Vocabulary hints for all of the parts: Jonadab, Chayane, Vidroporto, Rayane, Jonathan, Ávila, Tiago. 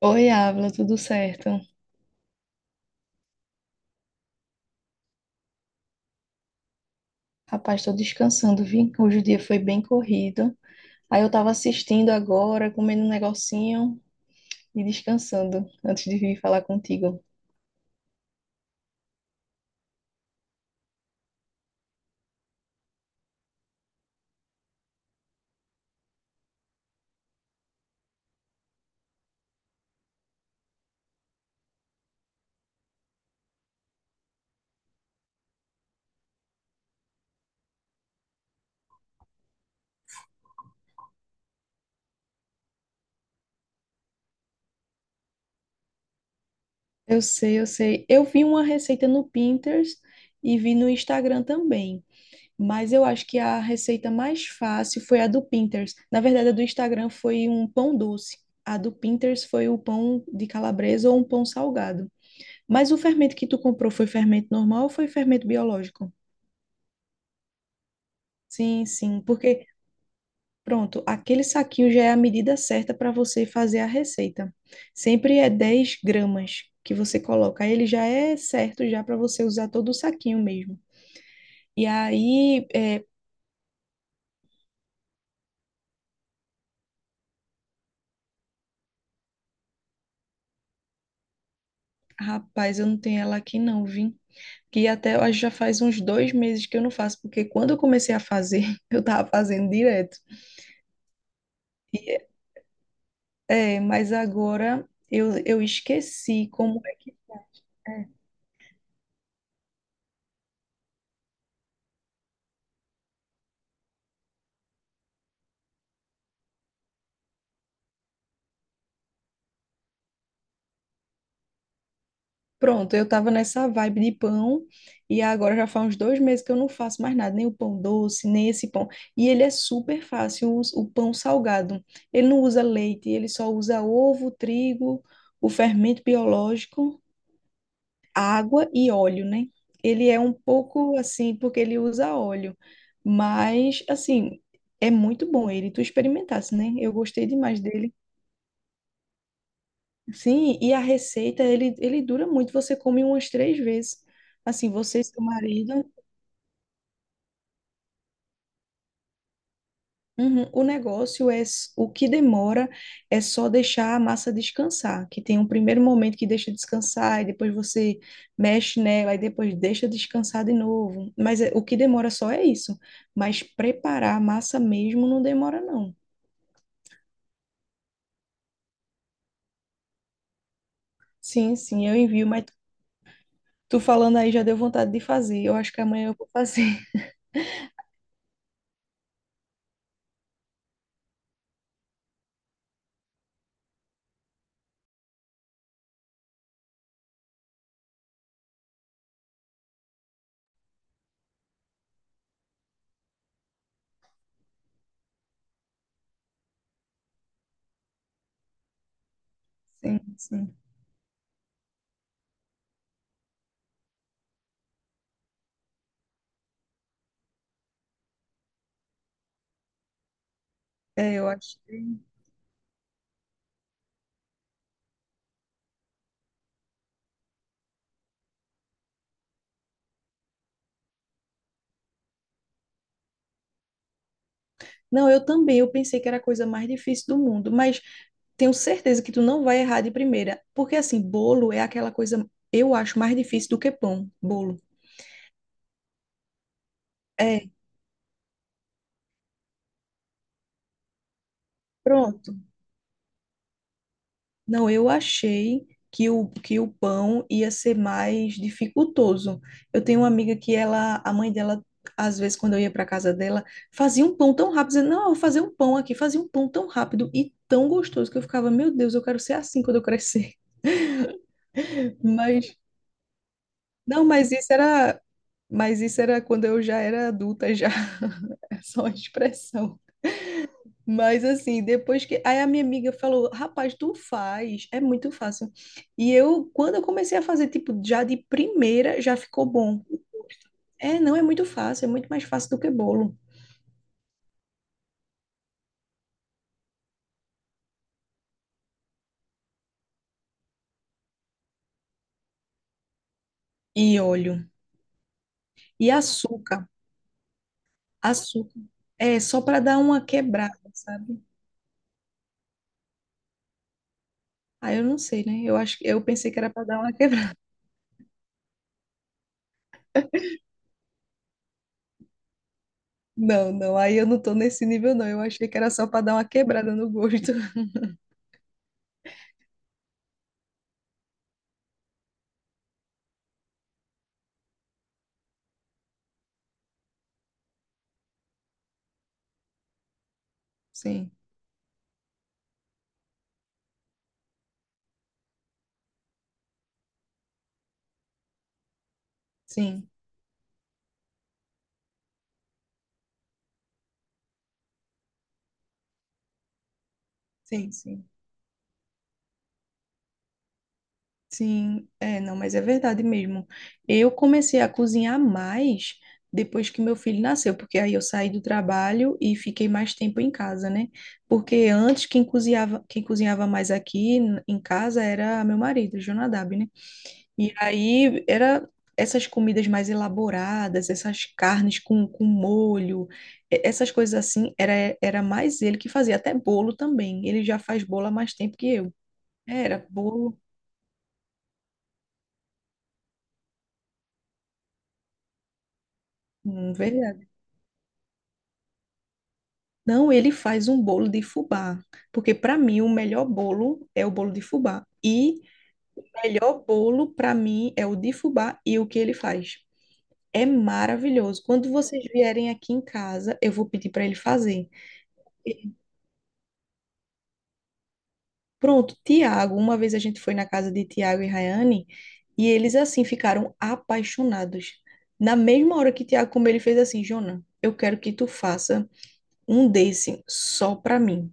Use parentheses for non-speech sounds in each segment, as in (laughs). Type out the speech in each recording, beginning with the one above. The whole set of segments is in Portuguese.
Oi, Ávila, tudo certo? Rapaz, tô descansando, vi? Hoje o dia foi bem corrido. Aí eu tava assistindo agora, comendo um negocinho e descansando antes de vir falar contigo. Eu sei, eu sei. Eu vi uma receita no Pinterest e vi no Instagram também, mas eu acho que a receita mais fácil foi a do Pinterest. Na verdade, a do Instagram foi um pão doce. A do Pinterest foi o pão de calabresa ou um pão salgado. Mas o fermento que tu comprou foi fermento normal ou foi fermento biológico? Sim, sim, porque pronto, aquele saquinho já é a medida certa para você fazer a receita. Sempre é 10 gramas que você coloca, aí ele já é certo já para você usar todo o saquinho mesmo. E aí, rapaz, eu não tenho ela aqui não, vi. Que até eu acho que já faz uns 2 meses que eu não faço, porque quando eu comecei a fazer, (laughs) eu tava fazendo direto. E, mas agora eu esqueci como é que é. Pronto, eu tava nessa vibe de pão e agora já faz uns 2 meses que eu não faço mais nada, nem o pão doce, nem esse pão. E ele é super fácil, o pão salgado. Ele não usa leite, ele só usa ovo, trigo, o fermento biológico, água e óleo, né? Ele é um pouco assim, porque ele usa óleo, mas assim, é muito bom ele. Tu experimentasse, né? Eu gostei demais dele. Sim, e a receita, ele dura muito, você come umas 3 vezes. Assim, você e seu marido, uhum, o negócio é, o que demora é só deixar a massa descansar, que tem um primeiro momento que deixa descansar, e depois você mexe nela, e depois deixa descansar de novo. Mas o que demora só é isso. Mas preparar a massa mesmo não demora, não. Sim, sim, eu envio, mas tu falando aí já deu vontade de fazer. Eu acho que amanhã eu vou fazer. (laughs) Sim, sim. É, eu acho. Não, eu também, eu pensei que era a coisa mais difícil do mundo, mas tenho certeza que tu não vai errar de primeira, porque assim, bolo é aquela coisa, eu acho mais difícil do que pão, bolo. É, pronto. Não, eu achei que que o pão ia ser mais dificultoso. Eu tenho uma amiga que ela, a mãe dela, às vezes quando eu ia para casa dela, fazia um pão tão rápido, dizendo, não, eu vou fazer um pão aqui, fazia um pão tão rápido e tão gostoso que eu ficava, meu Deus, eu quero ser assim quando eu crescer. (laughs) Mas Não, mas isso era quando eu já era adulta já. (laughs) É só uma expressão. Mas assim, depois que aí a minha amiga falou, rapaz, tu faz, é muito fácil. E eu, quando eu comecei a fazer, tipo, já de primeira, já ficou bom. É, não é muito fácil, é muito mais fácil do que bolo. E óleo. E açúcar. Açúcar. É só para dar uma quebrada, sabe? Ah, eu não sei, né? Eu acho que eu pensei que era para dar uma (laughs) Não, não, aí eu não tô nesse nível, não. Eu achei que era só pra dar uma quebrada no gosto. (laughs) Sim, sim, sim, sim. Sim, é, não, mas é verdade mesmo. Eu comecei a cozinhar mais depois que meu filho nasceu, porque aí eu saí do trabalho e fiquei mais tempo em casa, né? Porque antes quem cozinhava mais aqui em casa era meu marido, Jonadab, né? E aí era essas comidas mais elaboradas, essas carnes com molho, essas coisas assim, era mais ele que fazia, até bolo também. Ele já faz bolo há mais tempo que eu. Era bolo, verdade. Não, ele faz um bolo de fubá, porque para mim o melhor bolo é o bolo de fubá. E o melhor bolo para mim é o de fubá e o que ele faz. É maravilhoso. Quando vocês vierem aqui em casa, eu vou pedir para ele fazer. Pronto, Tiago, uma vez a gente foi na casa de Tiago e Rayane e eles assim ficaram apaixonados. Na mesma hora que Tiago comeu, ele fez assim, Jona, eu quero que tu faça um desse só pra mim,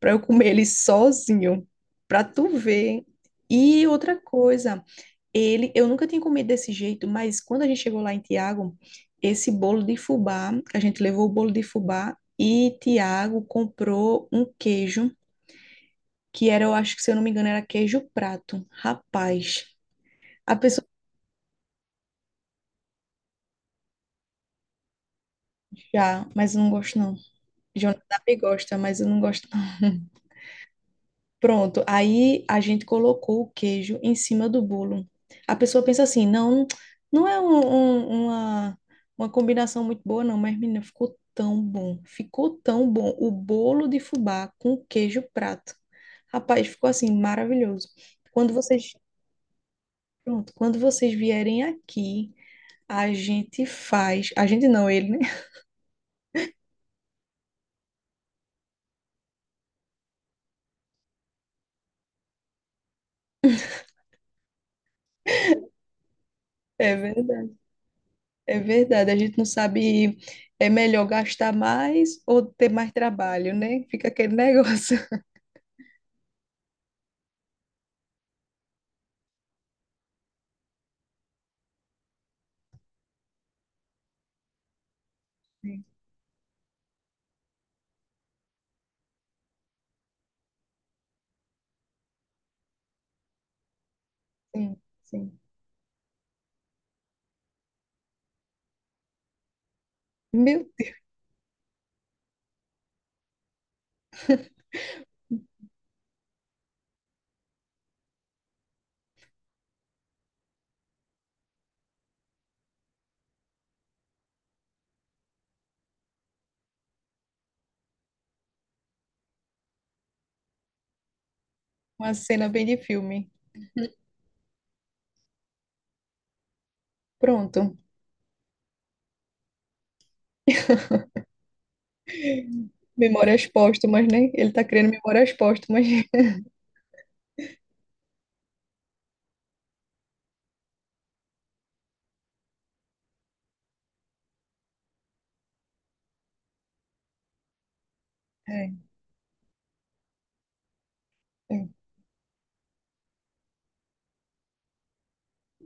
pra eu comer ele sozinho, pra tu ver. E outra coisa, eu nunca tinha comido desse jeito, mas quando a gente chegou lá em Tiago, esse bolo de fubá, a gente levou o bolo de fubá e Tiago comprou um queijo que era, eu acho que se eu não me engano, era queijo prato. Rapaz, a pessoa já, mas eu não gosto não. Jonathan me gosta, mas eu não gosto não. (laughs) Pronto, aí a gente colocou o queijo em cima do bolo. A pessoa pensa assim, não, não é uma combinação muito boa não, mas menina, ficou tão bom, ficou tão bom. O bolo de fubá com queijo prato. Rapaz, ficou assim, maravilhoso. Quando vocês, pronto, quando vocês vierem aqui, a gente faz. A gente não, ele, né? (laughs) É verdade. É verdade. A gente não sabe. É melhor gastar mais ou ter mais trabalho, né? Fica aquele negócio. (laughs) Sim, sim, sim. Meu Deus, uma cena bem de filme. Pronto. (laughs) Memórias póstumas, né? Ele tá criando memórias póstumas. (laughs) É, é.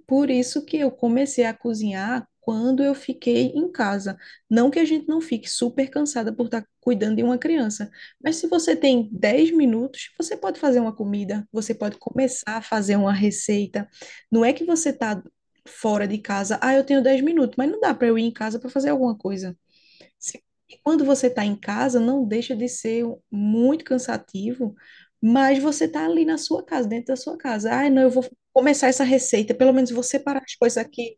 Por isso que eu comecei a cozinhar quando eu fiquei em casa. Não que a gente não fique super cansada por estar cuidando de uma criança, mas se você tem 10 minutos, você pode fazer uma comida, você pode começar a fazer uma receita. Não é que você está fora de casa, ah, eu tenho 10 minutos, mas não dá para eu ir em casa para fazer alguma coisa. Se- E quando você está em casa, não deixa de ser muito cansativo, mas você está ali na sua casa, dentro da sua casa. Ah, não, eu vou começar essa receita, pelo menos vou separar as coisas aqui.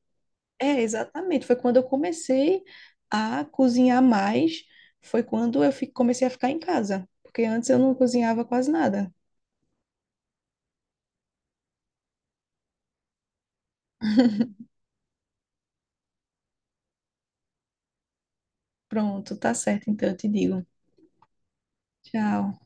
É, exatamente. Foi quando eu comecei a cozinhar mais, foi quando eu comecei a ficar em casa, porque antes eu não cozinhava quase nada. Pronto, tá certo, então eu te digo. Tchau.